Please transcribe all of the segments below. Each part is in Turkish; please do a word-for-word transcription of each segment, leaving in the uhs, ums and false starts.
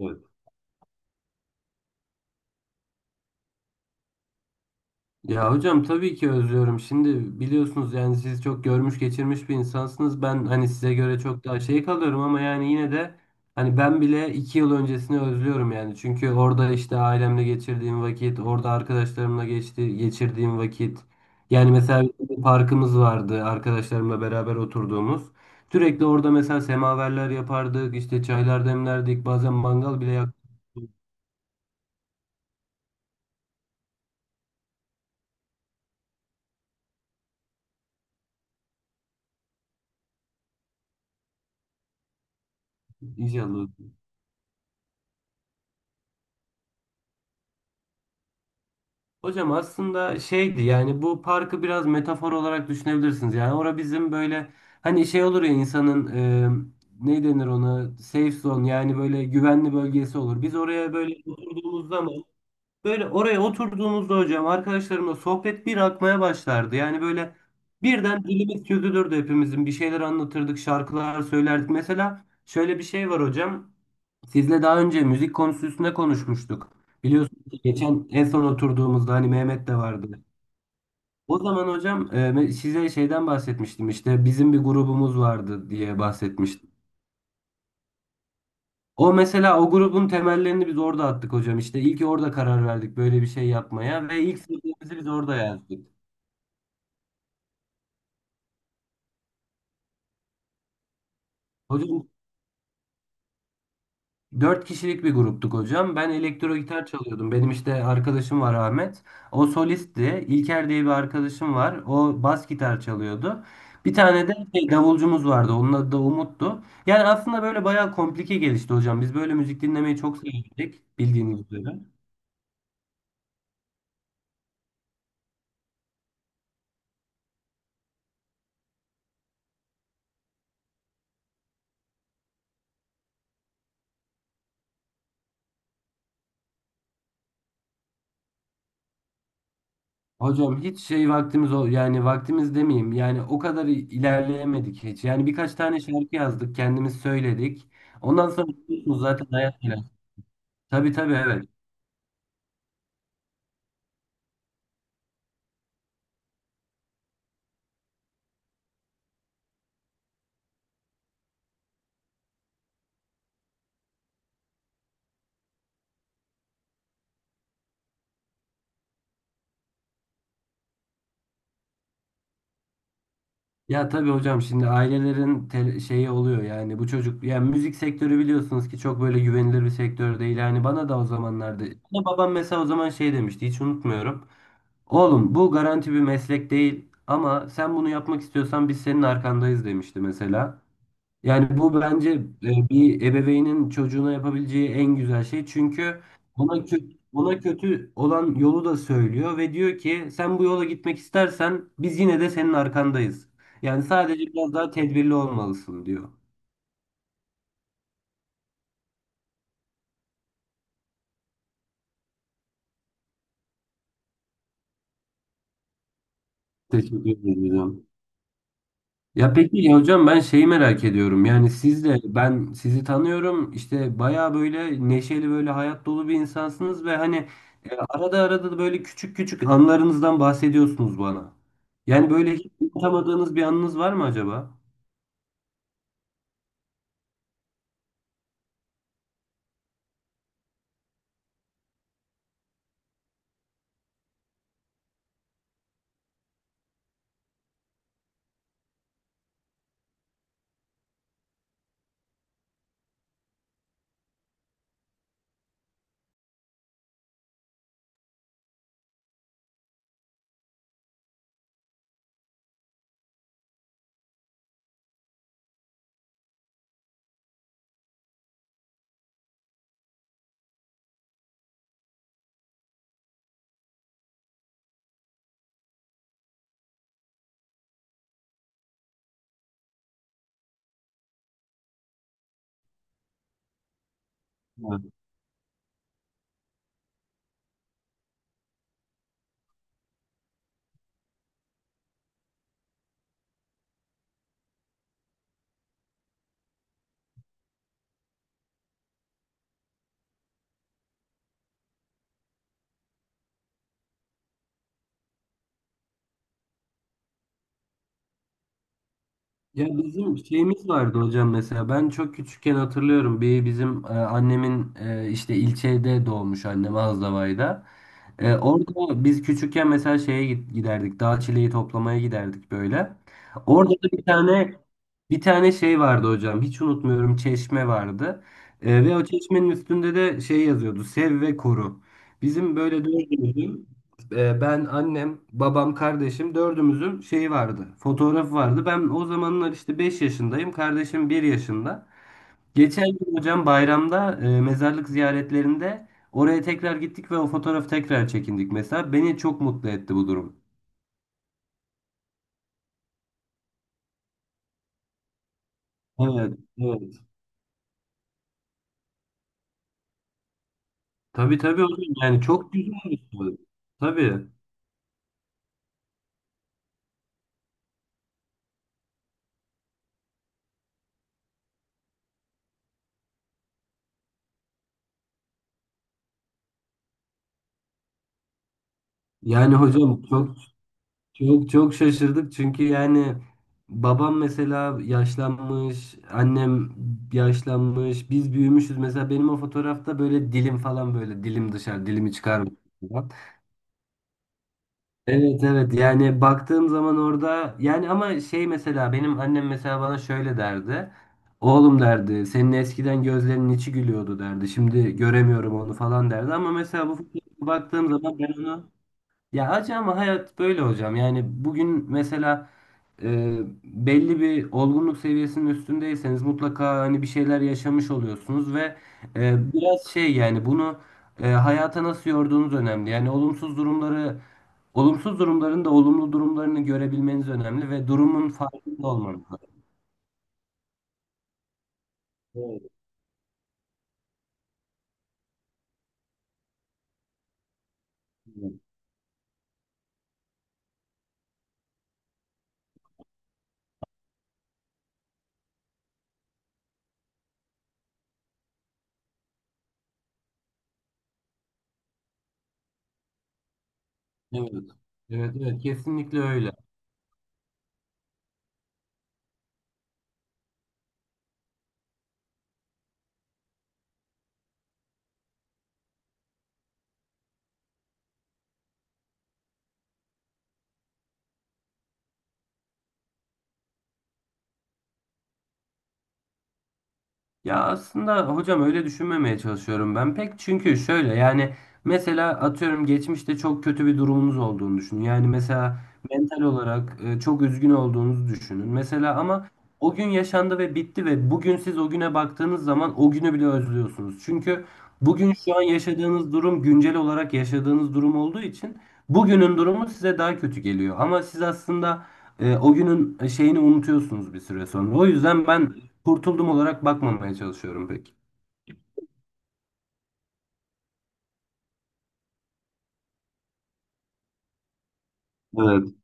Evet. Ya hocam tabii ki özlüyorum. Şimdi biliyorsunuz yani siz çok görmüş geçirmiş bir insansınız. Ben hani size göre çok daha şey kalıyorum ama yani yine de hani ben bile iki yıl öncesini özlüyorum yani. Çünkü orada işte ailemle geçirdiğim vakit, orada arkadaşlarımla geçti, geçirdiğim vakit. Yani mesela bir parkımız vardı arkadaşlarımla beraber oturduğumuz. Sürekli orada mesela semaverler yapardık, işte çaylar demlerdik, bazen mangal bile yaktık. İnşallah. Hocam aslında şeydi yani bu parkı biraz metafor olarak düşünebilirsiniz. Yani orada bizim böyle hani şey olur ya insanın e, ne denir ona safe zone yani böyle güvenli bölgesi olur. Biz oraya böyle oturduğumuz zaman böyle oraya oturduğumuzda hocam arkadaşlarımla sohbet bir akmaya başlardı. Yani böyle birden dilimiz çözülürdü hepimizin bir şeyler anlatırdık şarkılar söylerdik. Mesela şöyle bir şey var hocam. Sizle daha önce müzik konusu üstünde konuşmuştuk. Biliyorsunuz ki geçen en son oturduğumuzda hani Mehmet de vardı. O zaman hocam e, me- size şeyden bahsetmiştim işte bizim bir grubumuz vardı diye bahsetmiştim. O mesela o grubun temellerini biz orada attık hocam. İşte ilk orada karar verdik böyle bir şey yapmaya ve ilk sözlerimizi biz orada yazdık. Hocam dört kişilik bir gruptuk hocam. Ben elektro gitar çalıyordum. Benim işte arkadaşım var Ahmet. O solistti. İlker diye bir arkadaşım var. O bas gitar çalıyordu. Bir tane de şey, davulcumuz vardı. Onun adı da Umut'tu. Yani aslında böyle bayağı komplike gelişti hocam. Biz böyle müzik dinlemeyi çok sevdik bildiğiniz üzere. Hocam hiç şey vaktimiz ol yani vaktimiz demeyeyim yani o kadar i- ilerleyemedik hiç. Yani birkaç tane şarkı yazdık kendimiz söyledik. Ondan sonra biliyorsunuz zaten hayat biraz. Tabii tabii evet. Ya tabii hocam şimdi ailelerin te- şeyi oluyor yani bu çocuk yani müzik sektörü biliyorsunuz ki çok böyle güvenilir bir sektör değil. Yani bana da o zamanlarda bana babam mesela o zaman şey demişti hiç unutmuyorum. Oğlum bu garanti bir meslek değil ama sen bunu yapmak istiyorsan biz senin arkandayız demişti mesela. Yani bu bence e, bir ebeveynin çocuğuna yapabileceği en güzel şey. Çünkü ona kötü, ona kötü olan yolu da söylüyor ve diyor ki sen bu yola gitmek istersen biz yine de senin arkandayız. Yani sadece biraz daha tedbirli olmalısın diyor. Teşekkür ederim. Ya peki ya hocam ben şeyi merak ediyorum. Yani siz de ben sizi tanıyorum. İşte baya böyle neşeli böyle hayat dolu bir insansınız ve hani e, arada arada da böyle küçük küçük anlarınızdan bahsediyorsunuz bana. Yani böyle hiç unutamadığınız bir anınız var mı acaba? Ya bizim şeyimiz vardı hocam mesela ben çok küçükken hatırlıyorum bir bizim e, annemin e, işte ilçede doğmuş annem Azdavay'da. E, orada biz küçükken mesela şeye git- giderdik dağ çileği toplamaya giderdik böyle. Orada da bir tane bir tane şey vardı hocam. Hiç unutmuyorum. Çeşme vardı. Ee, ve o çeşmenin üstünde de şey yazıyordu. Sev ve koru. Bizim böyle dördümüzün e, ben, annem, babam, kardeşim dördümüzün şeyi vardı. Fotoğrafı vardı. Ben o zamanlar işte beş yaşındayım. Kardeşim bir yaşında. Geçen gün hocam bayramda e, mezarlık ziyaretlerinde oraya tekrar gittik ve o fotoğrafı tekrar çekindik mesela. Beni çok mutlu etti bu durum. Evet, evet. Tabii tabii hocam yani çok güzel bir şey. Tabii. Yani hocam çok çok çok şaşırdık çünkü yani babam mesela yaşlanmış, annem yaşlanmış, biz büyümüşüz. Mesela benim o fotoğrafta böyle dilim falan böyle dilim dışarı dilimi çıkarmış falan. Evet evet yani baktığım zaman orada yani ama şey mesela benim annem mesela bana şöyle derdi. Oğlum derdi senin eskiden gözlerinin içi gülüyordu derdi. Şimdi göremiyorum onu falan derdi ama mesela bu fotoğrafa baktığım zaman ben onu ya acı ama hayat böyle hocam. Yani bugün mesela e, belli bir olgunluk seviyesinin üstündeyseniz mutlaka hani bir şeyler yaşamış oluyorsunuz ve e, biraz şey yani bunu e, hayata nasıl yorduğunuz önemli. Yani olumsuz durumları olumsuz durumların da olumlu durumlarını görebilmeniz önemli ve durumun farkında olmanız lazım. Evet, evet. Evet, evet, kesinlikle öyle. Ya aslında hocam öyle düşünmemeye çalışıyorum ben pek çünkü şöyle yani mesela atıyorum geçmişte çok kötü bir durumunuz olduğunu düşünün. Yani mesela mental olarak e, çok üzgün olduğunuzu düşünün. Mesela ama o gün yaşandı ve bitti ve bugün siz o güne baktığınız zaman o günü bile özlüyorsunuz. Çünkü bugün şu an yaşadığınız durum güncel olarak yaşadığınız durum olduğu için bugünün durumu size daha kötü geliyor. Ama siz aslında e, o günün e, şeyini unutuyorsunuz bir süre sonra. O yüzden ben kurtuldum olarak bakmamaya çalışıyorum pek. Evet.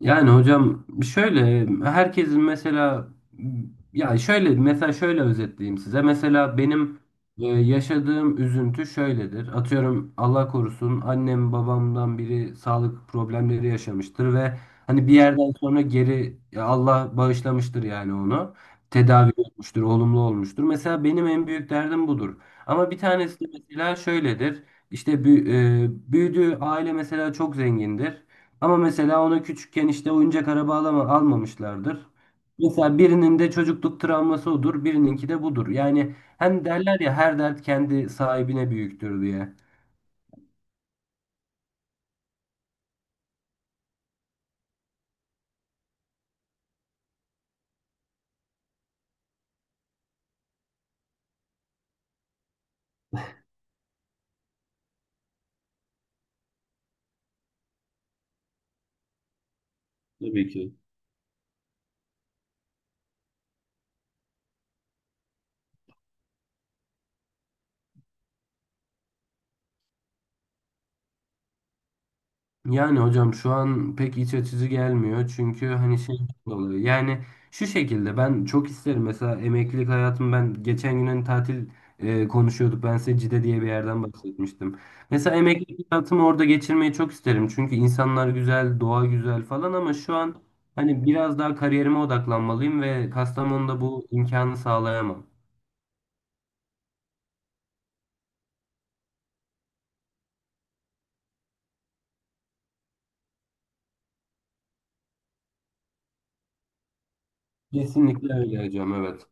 Yani hocam şöyle herkesin mesela ya şöyle mesela şöyle özetleyeyim size. Mesela benim e, yaşadığım üzüntü şöyledir. Atıyorum Allah korusun annem babamdan biri sağlık problemleri yaşamıştır ve hani bir yerden sonra geri ya Allah bağışlamıştır yani onu. Tedavi olmuştur, olumlu olmuştur. Mesela benim en büyük derdim budur. Ama bir tanesi de mesela şöyledir. İşte bü- e, büyüdüğü aile mesela çok zengindir. Ama mesela ona küçükken işte oyuncak araba alama, almamışlardır. Mesela birinin de çocukluk travması odur, birininki de budur. Yani hem derler ya her dert kendi sahibine büyüktür diye. Tabii ki. Yani hocam şu an pek iç açıcı gelmiyor çünkü hani şey dolayı yani şu şekilde ben çok isterim mesela emeklilik hayatım ben geçen gün hani tatil e, konuşuyorduk ben size Cide diye bir yerden bahsetmiştim. Mesela emeklilik hayatımı orada geçirmeyi çok isterim çünkü insanlar güzel doğa güzel falan ama şu an hani biraz daha kariyerime odaklanmalıyım ve Kastamonu'da bu imkanı sağlayamam. Kesinlikle öyle hocam evet.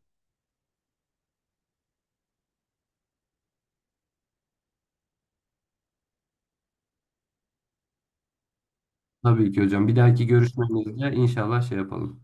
Tabii ki hocam bir dahaki görüşmemizde inşallah şey yapalım.